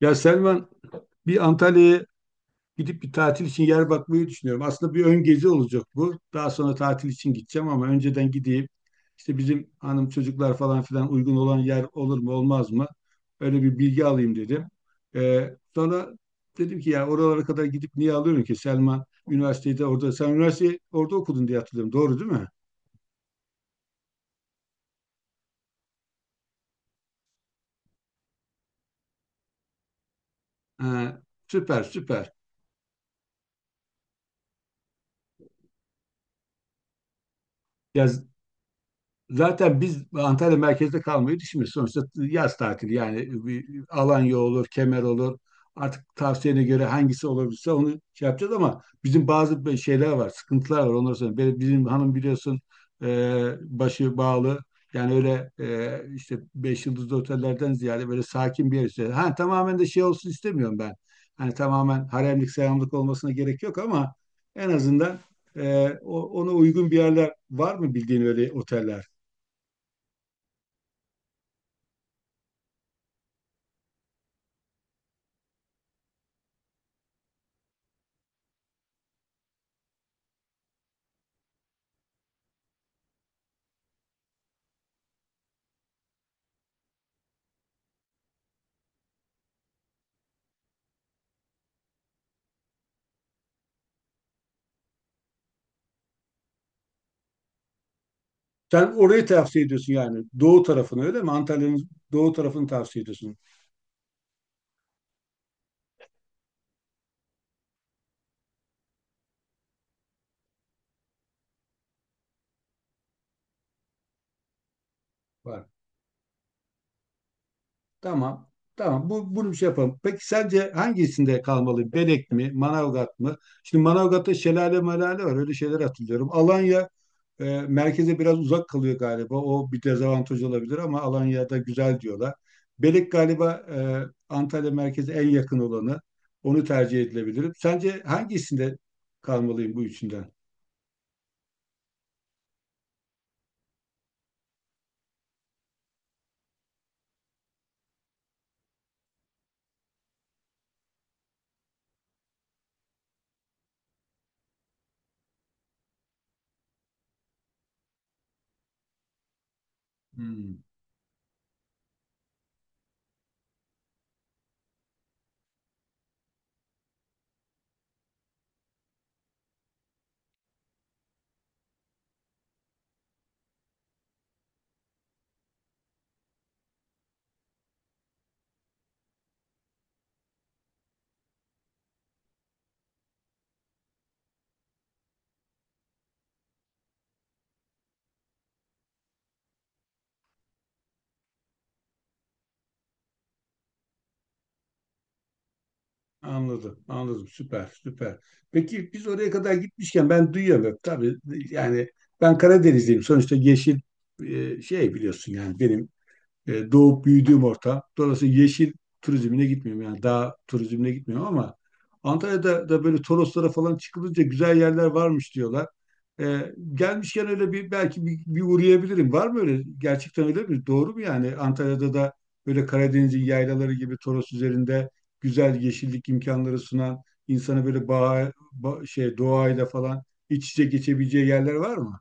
Ya Selman, bir Antalya'ya gidip bir tatil için yer bakmayı düşünüyorum. Aslında bir ön gezi olacak bu. Daha sonra tatil için gideceğim ama önceden gideyim. İşte bizim hanım, çocuklar, falan filan uygun olan yer olur mu olmaz mı? Öyle bir bilgi alayım dedim. Sonra dedim ki ya oralara kadar gidip niye alıyorum ki, Selman üniversitede orada. Sen üniversiteyi orada okudun diye hatırlıyorum. Doğru değil mi? Ha, süper süper. Ya zaten biz Antalya merkezde kalmayı düşünmüyoruz. Sonuçta yaz tatili, yani bir Alanya olur, Kemer olur. Artık tavsiyene göre hangisi olabilirse onu şey yapacağız, ama bizim bazı şeyler var, sıkıntılar var. Onları sonra benim, bizim hanım biliyorsun, e, başı bağlı. Yani öyle, işte beş yıldızlı otellerden ziyade böyle sakin bir yer istiyor. Ha, tamamen de şey olsun istemiyorum ben. Hani tamamen haremlik selamlık olmasına gerek yok ama en azından ona uygun bir yerler var mı, bildiğin öyle oteller? Sen orayı tavsiye ediyorsun yani. Doğu tarafını öyle mi? Antalya'nın doğu tarafını tavsiye ediyorsun. Var. Tamam. Tamam. Bunu bir şey yapalım. Peki sence hangisinde kalmalı? Belek mi? Manavgat mı? Şimdi Manavgat'ta şelale malale var. Öyle şeyler hatırlıyorum. Alanya merkeze biraz uzak kalıyor galiba. O bir dezavantaj olabilir ama Alanya'da güzel diyorlar. Belek galiba Antalya merkeze en yakın olanı. Onu tercih edilebilir. Sence hangisinde kalmalıyım bu üçünden? Hmm. Anladım, anladım. Süper, süper. Peki biz oraya kadar gitmişken, ben duyuyorum tabii, yani ben Karadenizliyim. Sonuçta yeşil, şey, biliyorsun yani benim doğup büyüdüğüm ortam. Dolayısıyla yeşil turizmine gitmiyorum. Yani dağ turizmine gitmiyorum ama Antalya'da da böyle Toroslara falan çıkılınca güzel yerler varmış diyorlar. E, gelmişken öyle bir, belki bir uğrayabilirim. Var mı öyle? Gerçekten öyle mi? Doğru mu yani? Antalya'da da böyle Karadeniz'in yaylaları gibi Toros üzerinde güzel yeşillik imkanları sunan, insana böyle şey, doğayla falan iç içe geçebileceği yerler var mı?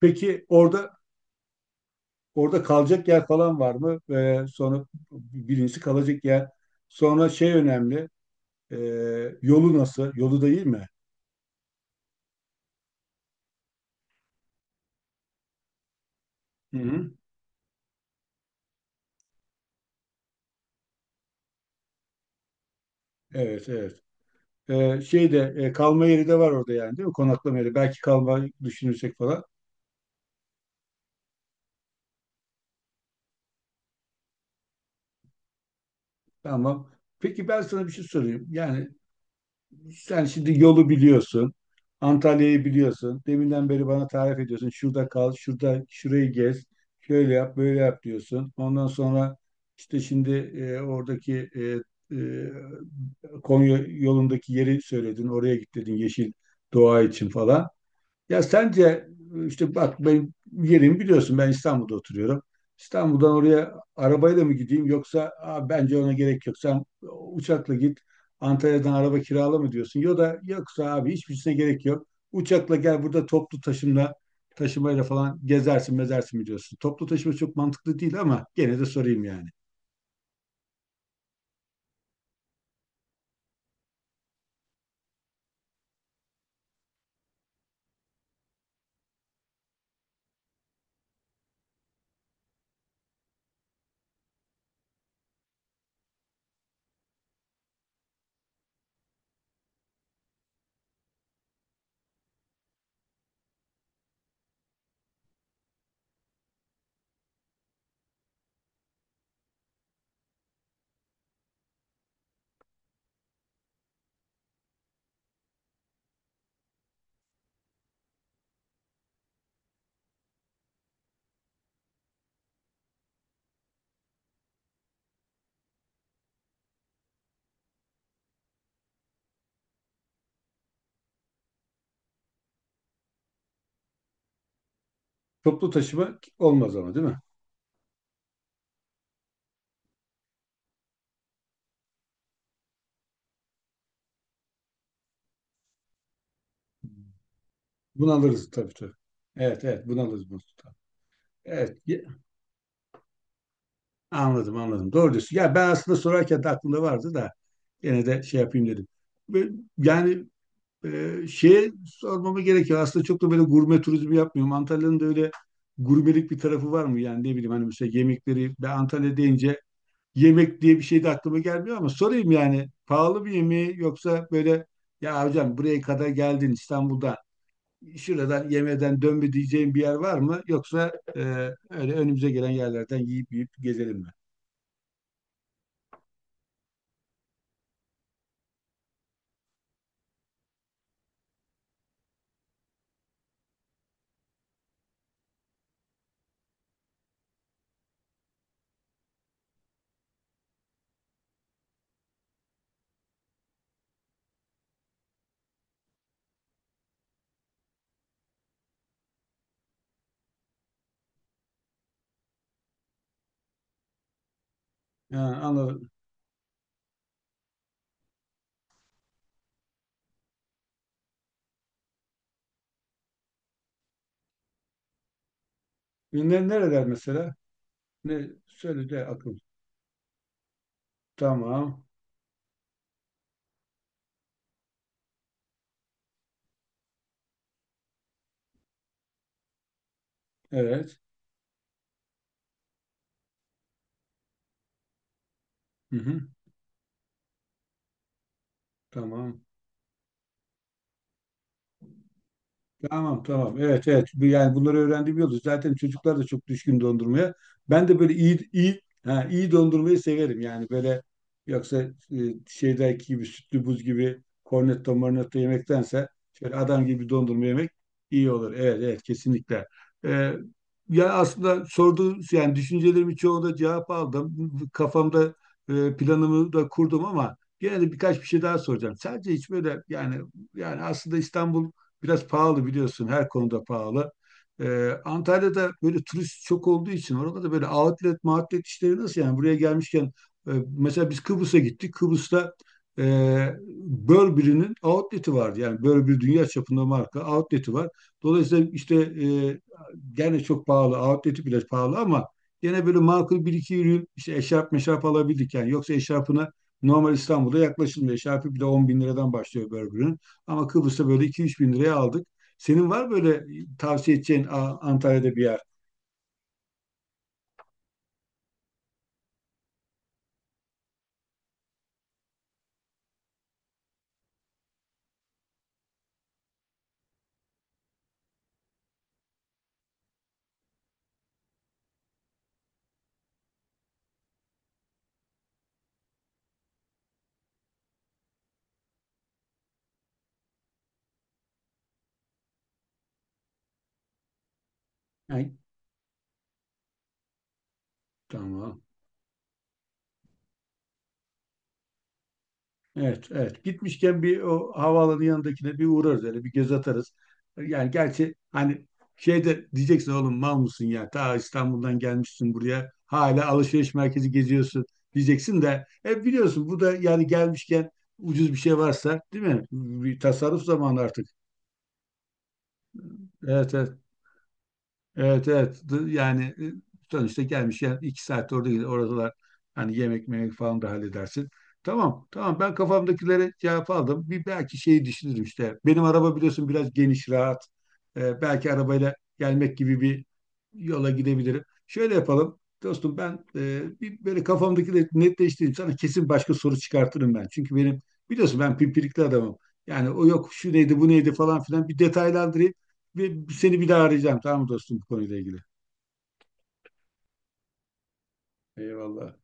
Peki orada, kalacak yer falan var mı? Sonra, birincisi kalacak yer. Sonra şey önemli. e, yolu nasıl? Yolu da iyi mi? Hı hı. Evet, evet. Şey de, kalma yeri de var orada yani, değil mi? Konaklama yeri. Belki kalma düşünürsek falan. Tamam. Peki ben sana bir şey sorayım. Yani sen şimdi yolu biliyorsun. Antalya'yı biliyorsun. Deminden beri bana tarif ediyorsun. Şurada kal, şurada şurayı gez. Şöyle yap, böyle yap diyorsun. Ondan sonra işte, şimdi oradaki, e, Konya yolundaki yeri söyledin. Oraya git dedin, yeşil doğa için falan. Ya sence, işte bak, benim yerimi biliyorsun, ben İstanbul'da oturuyorum. İstanbul'dan oraya arabayla mı gideyim, yoksa bence ona gerek yok. Sen uçakla git, Antalya'dan araba kirala" mı diyorsun? Ya da yoksa "abi hiçbirisine gerek yok. Uçakla gel, burada toplu taşımayla falan gezersin mezersin" mi diyorsun? Toplu taşıma çok mantıklı değil ama gene de sorayım yani. Toplu taşıma olmaz ama, değil mi? Bunalırız, tabii tabii. Evet evet, bunalırız. Mustafa. Evet. Anladım anladım. Doğru diyorsun. Ya ben aslında sorarken de aklımda vardı da, gene de şey yapayım dedim. Ve yani şey sormamı gerekiyor. Aslında çok da böyle gurme turizmi yapmıyorum. Antalya'nın da öyle gurmelik bir tarafı var mı? Yani ne bileyim, hani mesela yemekleri, ben Antalya deyince yemek diye bir şey de aklıma gelmiyor ama sorayım yani. Pahalı bir yemeği, yoksa böyle "ya hocam buraya kadar geldin İstanbul'dan, şuradan yemeden dönme" diyeceğim bir yer var mı? Yoksa öyle önümüze gelen yerlerden yiyip yiyip gezelim mi? Ha, anladım. Nereler mesela? Ne söyle de akıl. Tamam. Evet. Hı hı. Tamam. Tamam tamam. Evet evet. Yani bunları öğrendiğim yolda. Zaten çocuklar da çok düşkün dondurmaya. Ben de böyle iyi dondurmayı severim. Yani böyle, yoksa e, şeydeki gibi sütlü buz gibi kornetto marnetto yemektense, şöyle adam gibi dondurma yemek iyi olur. Evet evet, kesinlikle. Ee, ya aslında sorduğun yani düşüncelerimin çoğunda cevap aldım. Kafamda planımı da kurdum ama gene de birkaç bir şey daha soracağım. Sadece hiç böyle yani, aslında İstanbul biraz pahalı, biliyorsun her konuda pahalı. Antalya'da böyle turist çok olduğu için orada da böyle outlet mağutlet işleri nasıl, yani buraya gelmişken. e, Mesela biz Kıbrıs'a gittik. Kıbrıs'ta e, Burberry'nin outlet'i vardı. Yani Burberry, dünya çapında marka, outlet'i var. Dolayısıyla işte gene çok pahalı, outlet'i bile pahalı ama gene böyle makul bir iki ürün, işte eşarp meşarp alabildik. Yani yoksa eşarpına normal İstanbul'da yaklaşılmıyor. Eşarpı bile 10 bin liradan başlıyor Burberry'nin. Ama Kıbrıs'ta böyle iki üç bin liraya aldık. Senin var böyle tavsiye edeceğin Antalya'da bir yer? Ay, tamam. Evet, evet. Gitmişken bir o havaalanı yanındakine bir uğrarız, öyle bir göz atarız. Yani gerçi hani şeyde diyeceksin, "oğlum mal mısın ya? Ta İstanbul'dan gelmişsin buraya, Hala alışveriş merkezi geziyorsun" diyeceksin de, e biliyorsun bu da, yani gelmişken ucuz bir şey varsa, değil mi? Bir tasarruf zamanı artık. Evet evet. Evet evet, yani sonuçta gelmiş, yani 2 saat orada gider oradalar, hani yemek memek falan da halledersin. Tamam tamam, ben kafamdakilere cevap aldım. Bir belki şeyi düşünürüm işte. Benim araba, biliyorsun, biraz geniş, rahat. Belki arabayla gelmek gibi bir yola gidebilirim. Şöyle yapalım dostum, ben bir böyle kafamdakileri netleştireyim. Sana kesin başka soru çıkartırım ben. Çünkü benim, biliyorsun, ben pimpirikli adamım. Yani o yok, şu neydi, bu neydi falan filan, bir detaylandırayım. Ve seni bir daha arayacağım, tamam mı dostum, bu konuyla ilgili. Eyvallah.